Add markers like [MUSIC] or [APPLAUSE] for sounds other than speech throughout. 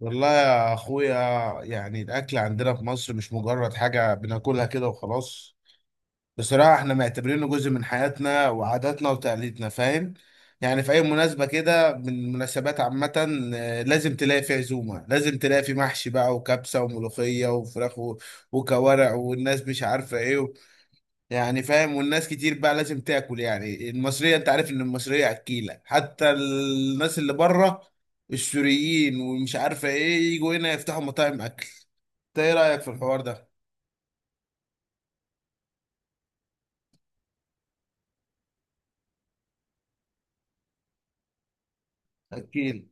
والله يا اخويا، يعني الاكل عندنا في مصر مش مجرد حاجه بناكلها كده وخلاص. بصراحه احنا معتبرينه جزء من حياتنا وعاداتنا وتقاليدنا، فاهم؟ يعني في اي مناسبه كده من المناسبات عامه، لازم تلاقي في عزومه، لازم تلاقي في محشي بقى وكبسه وملوخيه وفراخ وكوارع والناس مش عارفه ايه. يعني فاهم، والناس كتير بقى لازم تاكل، يعني المصرية انت عارف ان المصرية اكيلة، حتى الناس اللي بره، السوريين ومش عارفة ايه يجوا هنا يفتحوا مطاعم اكل. انت ايه رأيك في الحوار ده؟ اكيل.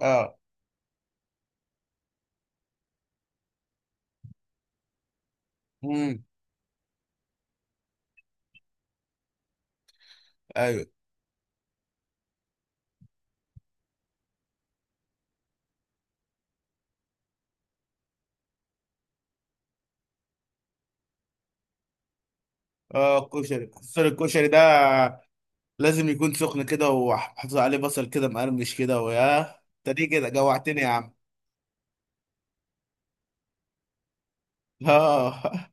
اه. امم. ايوه. اه الكشري، خصوصا الكشري ده لازم يكون سخن كده وحافظ عليه بصل كده مقرمش كده ويا. انت دي كده جوعتني يا عم. اه [LAUGHS]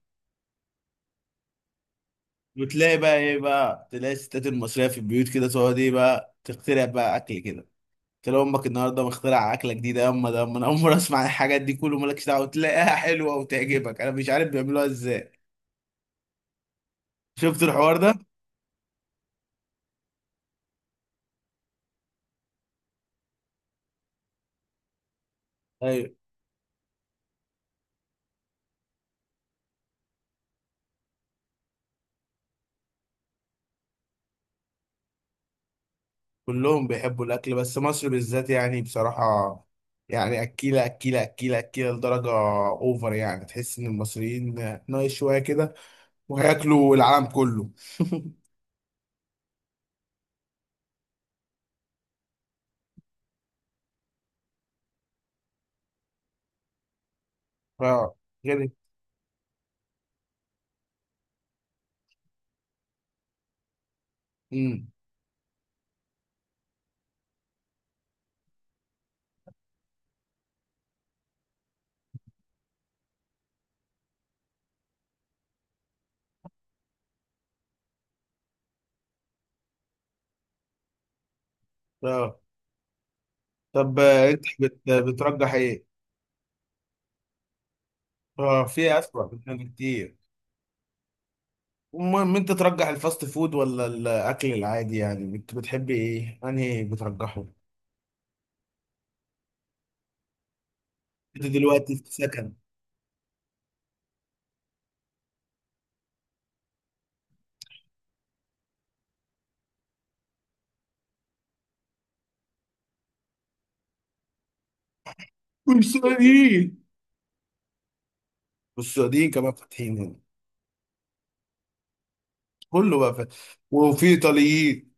وتلاقي بقى ايه بقى، تلاقي الستات المصرية في البيوت كده تقعد ايه بقى، تخترع بقى اكل كده. قلت له امك النهارده مخترع اكله جديده يا اما ده، أما انا اول مره اسمع عن الحاجات دي، كله مالكش دعوه، تلاقيها حلوه وتعجبك، انا مش عارف بيعملوها ازاي. شفت الحوار ده؟ ايوه. كلهم بيحبوا الاكل، بس مصر بالذات يعني بصراحه، يعني اكيله لدرجه اوفر، يعني تحس ان المصريين ناقص شويه كده وهياكلوا العالم كله. [LAUGHS] اه. غير. امم. اه طب، انت بترجح ايه؟ اه في اسوأ من كده كتير. المهم انت ترجح الفاست فود ولا الاكل العادي؟ يعني بتحب ايه، انهي بترجحه؟ انت دلوقتي في سكن؟ والسعوديين، والسعوديين كمان فاتحين هنا. كله بقى فاتح. وفي ايطاليين،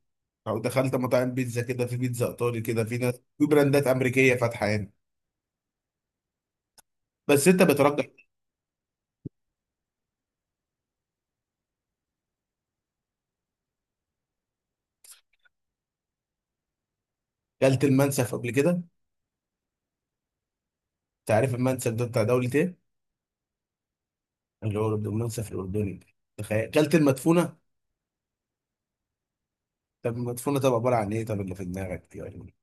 لو دخلت مطاعم بيتزا كده في بيتزا ايطالي كده، في ناس في براندات امريكيه فاتحه هنا. بس انت بترجح؟ اكلت المنسف قبل كده انت؟ عارف المنسف ده بتاع دولة ايه؟ اللي هو المنسف الاردني. تخيل اكلت المدفونه؟ طب المدفونه طب عباره عن ايه، طب اللي في دماغك يعني.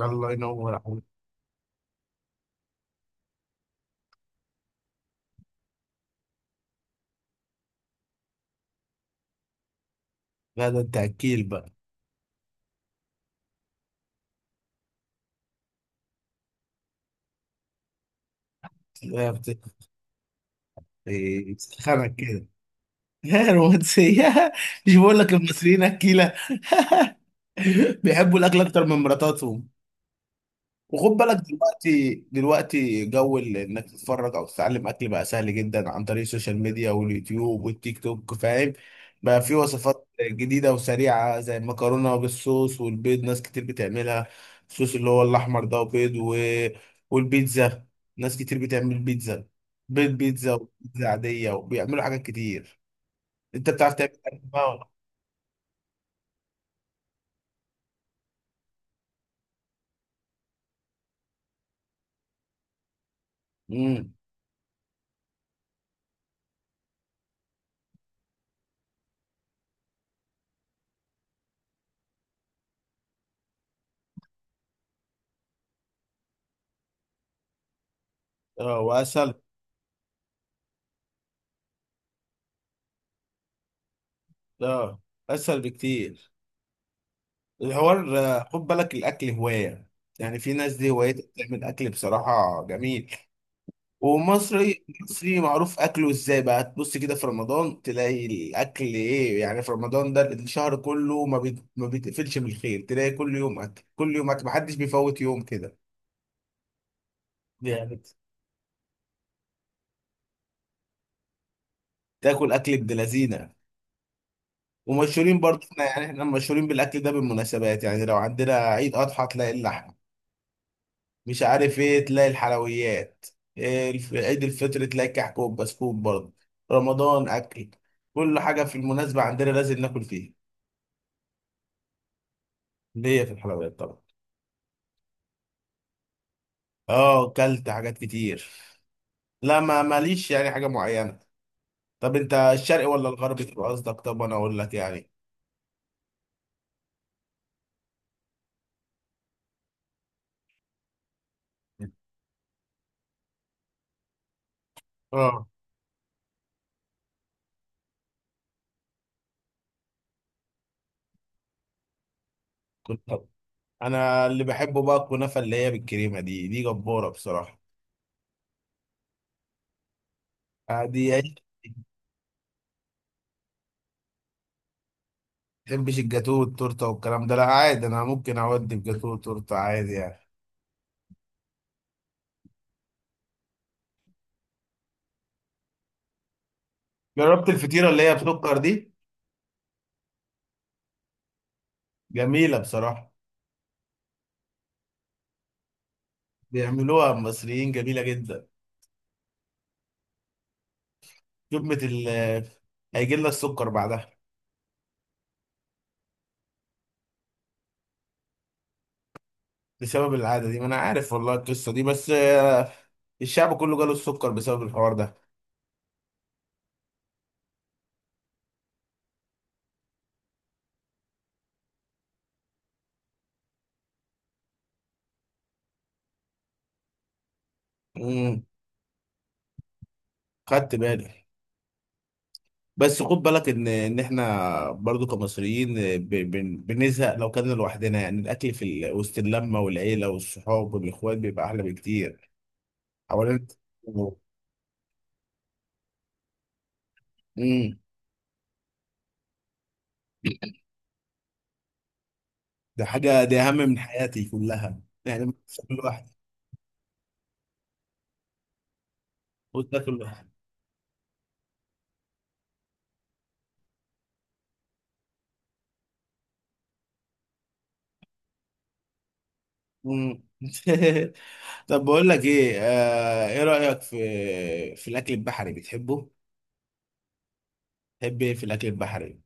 الله ينور. لا ده انت اكيل بقى. لا إيه، بتتخانق كده. [LAUGHS] الرومانسية. مش بقول لك المصريين اكيلة، بيحبوا الاكل اكتر من مراتاتهم. وخد بالك دلوقتي، دلوقتي جو انك تتفرج او تتعلم اكل بقى سهل جدا عن طريق السوشيال ميديا واليوتيوب والتيك توك، فاهم؟ بقى في وصفات جديده وسريعه زي المكرونه بالصوص والبيض، ناس كتير بتعملها. الصوص اللي هو الاحمر ده وبيض و... والبيتزا، ناس كتير بتعمل بيتزا، بيض بيتزا وبيتزا عاديه، وبيعملوا حاجات كتير. انت بتعرف تعمل أكل بقى ولا؟ امم. اه واسهل. اه اسهل بكتير. الحوار خد بالك الاكل هوايه، يعني في ناس دي هوايتها بتعمل اكل بصراحه جميل. ومصري مصري معروف اكله ازاي بقى، تبص كده في رمضان تلاقي الاكل ايه يعني، في رمضان ده الشهر كله ما ما بيتقفلش من الخير، تلاقي كل يوم اكل كل يوم اكل، محدش بيفوت يوم كده. يعني تاكل اكل ابن لذينه. ومشهورين برضه احنا، يعني احنا مشهورين بالاكل ده بالمناسبات، يعني لو عندنا عيد اضحى تلاقي اللحمه مش عارف ايه، تلاقي الحلويات، إيه عيد الفطر تلاقي كحكة بسكوت برضه، رمضان اكل، كل حاجة في المناسبة عندنا لازم ناكل فيها. ليا في الحلويات طبعا. اه كلت حاجات كتير. لا ما ماليش يعني حاجة معينة. طب انت الشرقي ولا الغربي تبقى قصدك، طب انا اقول لك يعني. اه كنت طب. انا اللي بحبه بقى الكنافة اللي هي بالكريمة دي، دي جبارة بصراحة. دي عيش. ما بحبش الجاتوه والتورته والكلام ده، لا عادي، انا ممكن اودي في جاتوه وتورته عادي يعني. جربت الفطيرة اللي هي بسكر دي؟ جميلة بصراحة. بيعملوها المصريين جميلة جدا. جبنة ال، هيجي لنا السكر بعدها. بسبب العادة دي، ما أنا عارف والله القصة دي، بس الشعب كله جاله السكر بسبب الحوار ده. امم. خدت بالي. بس خد بالك ان احنا برضو كمصريين، بنزهق لو كنا لوحدنا، يعني الاكل في وسط اللمه والعيله والصحاب والاخوات بيبقى احلى بكتير. حوالين. امم. ده حاجة، دي أهم من حياتي كلها، يعني مش هاكل لوحدي. وتاكل لوحدك. مم. [LAUGHS] طب بقول لك إيه، آه إيه رأيك في، في الأكل البحري؟ بتحبه؟ تحب إيه في الأكل البحري؟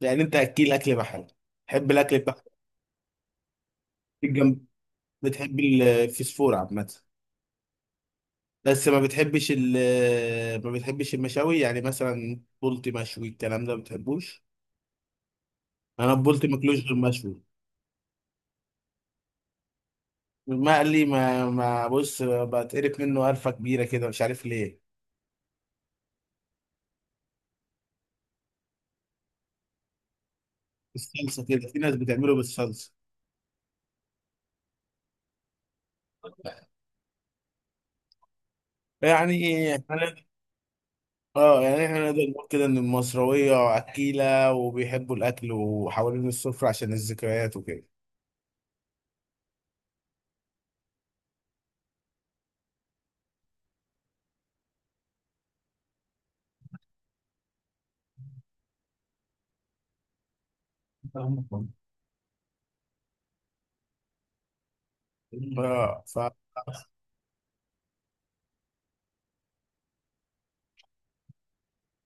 يعني أنت أكيل أكل بحري. تحب الأكل البحري. الجنب. بتحب الفسفور عامة. بس ما بتحبش ال، ما بتحبش المشاوي، يعني مثلا بولتي مشوي الكلام ده ما بتحبوش؟ أنا بولتي ماكلوش غير مشوي. المقلي ما بص بتقرف منه قرفة كبيرة كده، مش عارف ليه. بالصلصه كده، في ناس بتعمله بالصلصه. يعني احنا، اه يعني احنا نقدر نقول كده ان المصراويه اكيله وبيحبوا الاكل وحوالين السفره عشان الذكريات وكده. اه.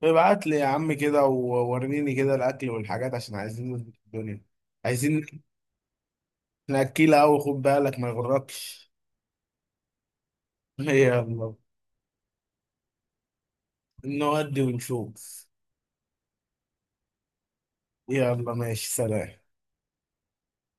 فابعت لي يا عم كده ووريني كده الاكل والحاجات، عشان عايزين نظبط الدنيا. عايزين ناكلها قوي، خد بالك ما يغركش. [LAUGHS] يلا. نودي ونشوف. يلا ماشي، سلام.